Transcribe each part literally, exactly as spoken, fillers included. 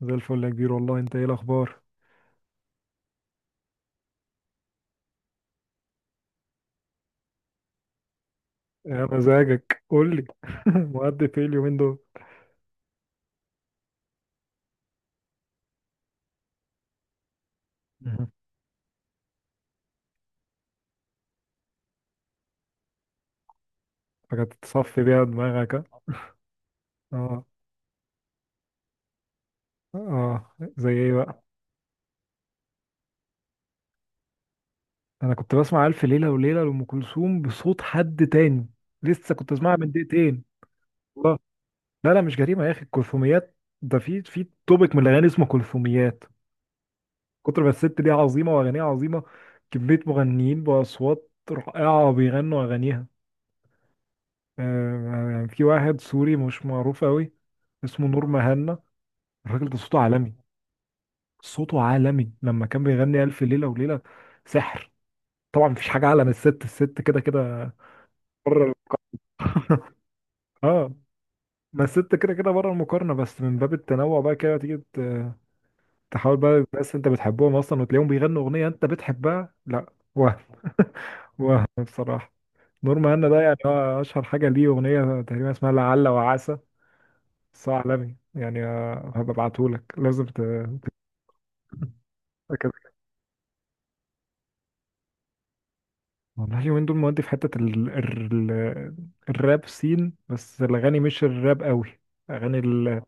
زي الفل يا كبير، والله انت ايه الاخبار؟ يا مزاجك قول لي، مؤدي في ايه اليومين دول؟ مهم. حاجه تصفي بيها دماغك، ها؟ اه، اه زي ايه بقى؟ انا كنت بسمع الف ليله وليله لام كلثوم بصوت حد تاني. لسه كنت اسمعها من دقيقتين. والله، لا لا مش جريمه يا اخي. الكلثوميات ده في في توبيك من الاغاني اسمه كلثوميات. كتر ما الست دي عظيمه واغانيها عظيمه، كميه مغنيين باصوات رائعه بيغنوا اغانيها. آه يعني في واحد سوري مش معروف قوي، اسمه نور مهنا. الراجل ده صوته عالمي، صوته عالمي لما كان بيغني ألف ليلة وليلة، سحر. طبعا مفيش حاجة أعلى من الست، الست كده كده بره ال- اه، ما الست كده كده بره المقارنة، بس من باب التنوع بقى كده تيجي ت- تحاول بقى، الناس انت بتحبهم اصلا وتلاقيهم بيغنوا اغنية انت بتحبها، لا وهم وهم بصراحة. نور مهنا ده يعني هو اشهر حاجة ليه اغنية تقريبا اسمها لعل وعسى، بس هو عالمي يعني. آه، هبقى ابعتهولك، لازم ت- والله اليومين دول مودي في حتة ال... ال... ال- الراب سين، بس الأغاني مش الراب قوي. أغاني ال...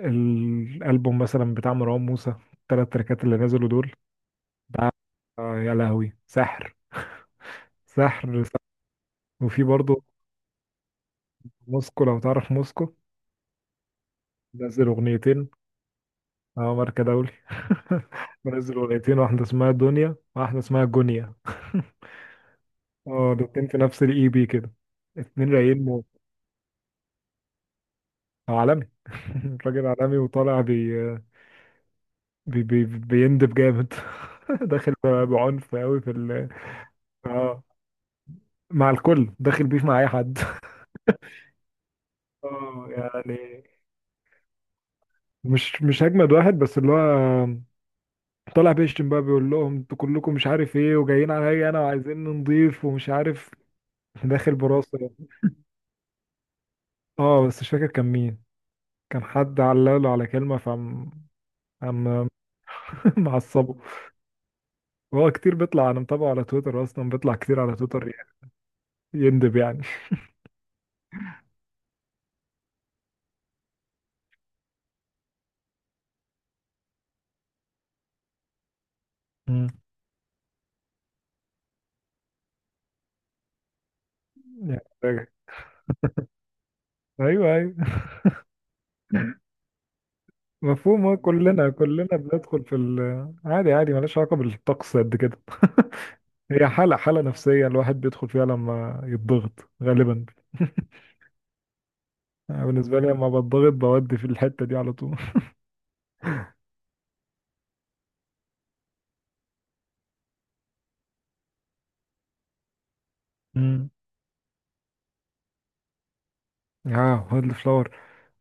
ال- الألبوم مثلا بتاع مروان موسى، التلات تراكات اللي نزلوا دول ده. آه، يا لهوي سحر. سحر، سحر. وفي برضه موسكو، لو تعرف موسكو، نزل أغنيتين. اه، ماركة دولي منزل أغنيتين، واحدة اسمها دنيا واحدة اسمها جونيا اه، الاتنين في نفس الاي بي كده، اتنين رايقين موت. آه، عالمي الراجل عالمي وطالع بي بي بي بيندب جامد. داخل ب- بعنف قوي في ال اه، مع الكل داخل بيف مع اي حد. اه يعني مش مش اجمد واحد، بس اللي هو طالع بيشتم بقى، بيقول لهم انتوا كلكم مش عارف ايه وجايين عليا انا وعايزين نضيف ومش عارف. داخل براسه. اه، بس مش فاكر كان مين. كان حد علاله على كلمة فم عم معصبه. وهو كتير بيطلع، انا متابعه على تويتر، اصلا بيطلع كتير على تويتر يعني، يندب يعني. مم. يعني ايوه، ايوه. مفهوم، آه، كلنا كلنا بندخل في ال. عادي عادي ملهاش علاقة بالطقس قد كده. هي حالة حالة نفسية الواحد بيدخل فيها لما يتضغط غالبا. آه، بالنسبة لي لما بتضغط بودي في الحتة دي على طول. امم اه، وايلد فلاور.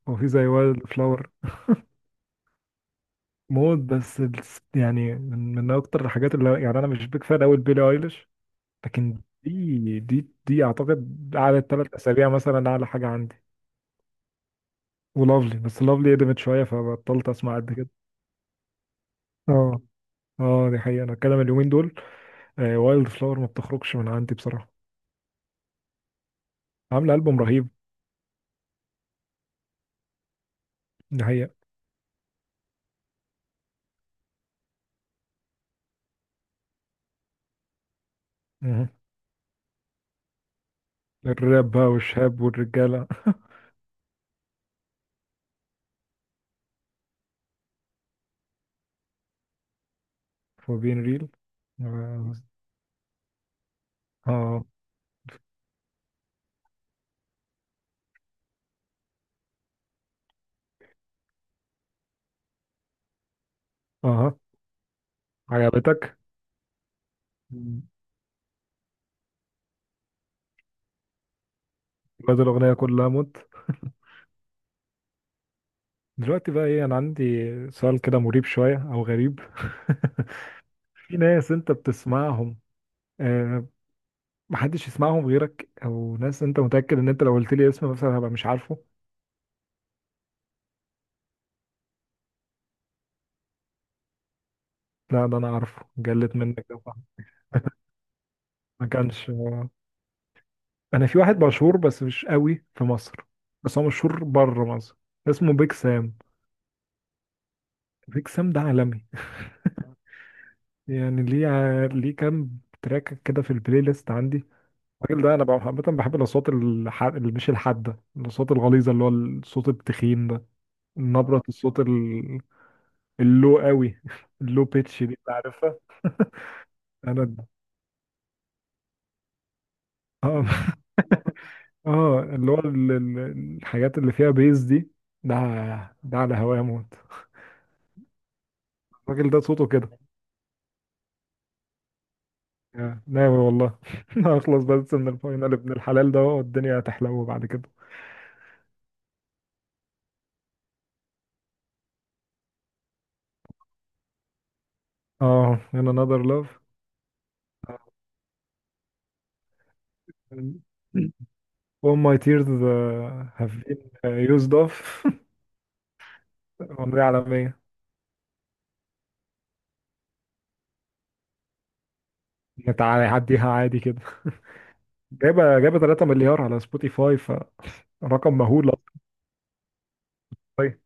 هو في زي وايلد فلاور موت، بس الس- يعني من, من اكتر الحاجات اللي يعني انا مش بيك فان قوي بيلي ايليش. لكن دي دي دي اعتقد قعدت ثلاث اسابيع مثلا اعلى حاجة عندي، ولافلي. بس لافلي قدمت شوية فبطلت اسمع قد كده. اه، اه، دي حقيقة. انا الكلام اليومين دول، آه وايلد فلاور ما بتخرجش من عندي بصراحة. عاملة ألبوم رهيب، دي حقيقة. مه. الراب بقى والشاب والرجالة. وبين ريل. اه، اه، آه. عجبتك بدل الأغنية كلها موت. دلوقتي بقى ايه؟ انا عندي سؤال كده مريب شوية او غريب. في ناس انت بتسمعهم، آه محدش يسمعهم غيرك، او ناس انت متأكد ان انت لو قلت لي اسم مثلا هبقى مش عارفه. لا، ده انا عارفه جلت منك ده. ما كانش. انا في واحد مشهور، بس مش قوي في مصر، بس هو مشهور بره مصر، اسمه بيك سام. بيك سام ده عالمي. يعني ليه ع- ليه كام تراك كده في البلاي ليست عندي. الراجل ده انا بح- عامه بحب الاصوات الح... اللي مش الحاده، الاصوات الغليظه، اللي هو الصوت التخين ده، نبره الصوت ال... اللو قوي. اللو بيتش دي انت عارفها؟ انا، اه، اه، اللي هو ال- ال- الحاجات اللي فيها بيز دي، ده. ده على هوايا موت. الراجل ده صوته كده، آه، ناوي والله. هخلص بس من الفاينل ابن الحلال ده، والدنيا هتحلو بعد كده. اه in another love. All my tears uh, have been uh, used off. ممضية عالمية. تعالى عديها عادي كده، جايبة جايبة 3 مليار على سبوتيفاي، فرقم مهول. أصلاً.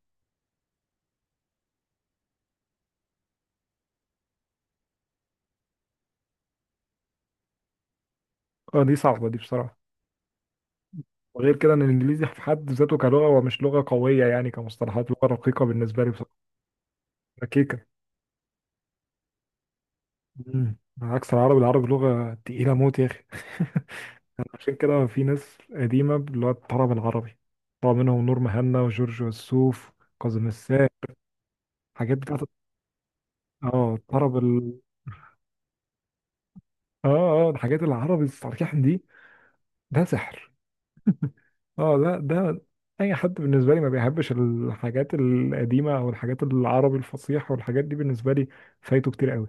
اه دي صعبة دي بصراحة. وغير كده ان الانجليزي في حد ذاته كلغة، ومش لغة قوية يعني، كمصطلحات لغة رقيقة بالنسبة لي بصراحة، ركيكة. مم. عكس العربي، العربي لغة تقيلة موت يا اخي. عشان كده في ناس قديمة اللي هو الطرب العربي، طبعا منهم نور مهنا وجورج وسوف، كاظم الساهر. الحاجات بتاعت اه الطرب ال... اه اه الحاجات العربي الصحيح دي، ده سحر. اه، لا ده اي حد بالنسبة لي ما بيحبش الحاجات القديمة او الحاجات العربي الفصيح والحاجات دي، بالنسبة لي فايته كتير قوي.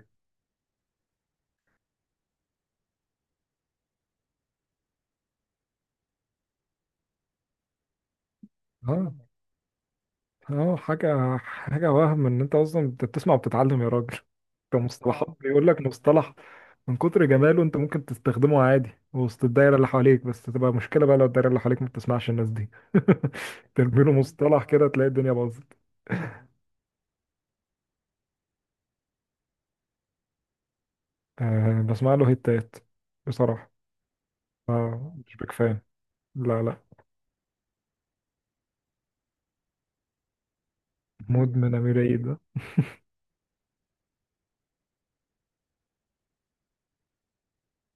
اه، اه، حاجة حاجة وهم ان انت اصلا انت بتسمع وبتتعلم يا راجل. كمصطلحات اه بيقول لك مصطلح من كتر جماله انت ممكن تستخدمه عادي وسط الدايرة اللي حواليك، بس تبقى مشكلة بقى لو الدايرة اللي حواليك ما بتسمعش الناس دي. ترمي له مصطلح كده تلاقي الدنيا باظت. أه بسمع له هيتات بصراحة. أه مش بيك فان. لا لا، مدمن أمير عيد ده.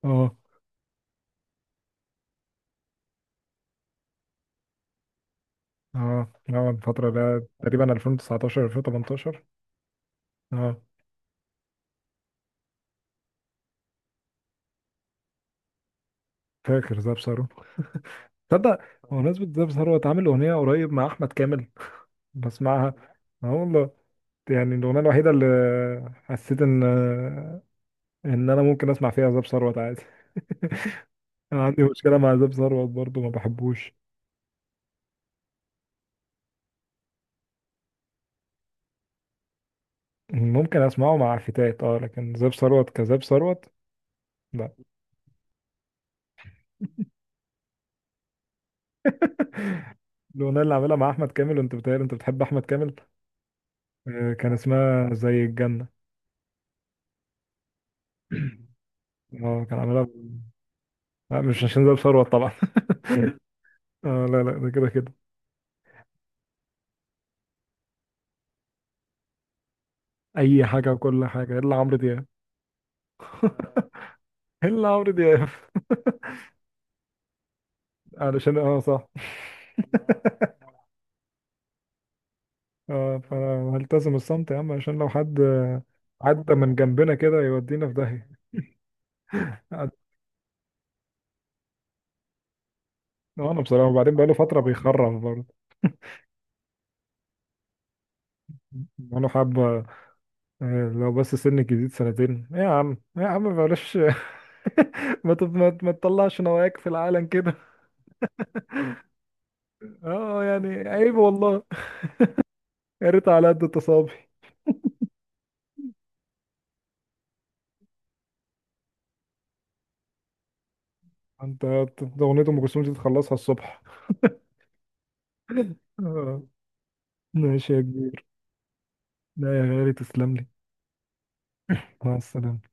اه، اه، اه، الفترة ده تقريبا الفين وتسعتاشر، ألفين وثمانية عشر. اه فاكر ده. تصدق، بمناسبة ده ثروت عامل أغنية قريب مع أحمد كامل بسمعها. اه والله. يعني الأغنية الوحيدة اللي حسيت إن إن أنا ممكن أسمع فيها زاب ثروت عادي. أنا عندي مشكلة مع زاب ثروت برضو، ما بحبوش. ممكن أسمعه مع فتات أه، لكن زاب ثروت كزاب ثروت، لا. الأغنية اللي عاملها مع أحمد كامل، وأنت بتهيألي أنت بتحب أحمد كامل. آه، كان اسمها زي الجنة. أه كان عاملها. لا مش عشان زاب ثروت طبعا. آه لا لا، ده كده كده. أي حاجة وكل حاجة إلا عمرو دياب. الا عمرو دياب. علشان اه صح. اه، فانا هلتزم الصمت يا عم عشان لو حد عدى من جنبنا كده يودينا في داهية. عد- وانا بصراحة، وبعدين بقاله فترة بيخرف برضه. بقاله حبة. آه، لو بس سن جديد سنتين، إيه يا عم إيه يا عم بلاش. ما تط- ما ما تطلعش نواياك في العالم كده. اه يعني عيب والله. يا ريت على قد تصابي. انت أنت اغنية ام كلثوم دي تخلصها الصبح. آه، ماشي يا كبير. لا يا غالي تسلم لي. مع السلامة.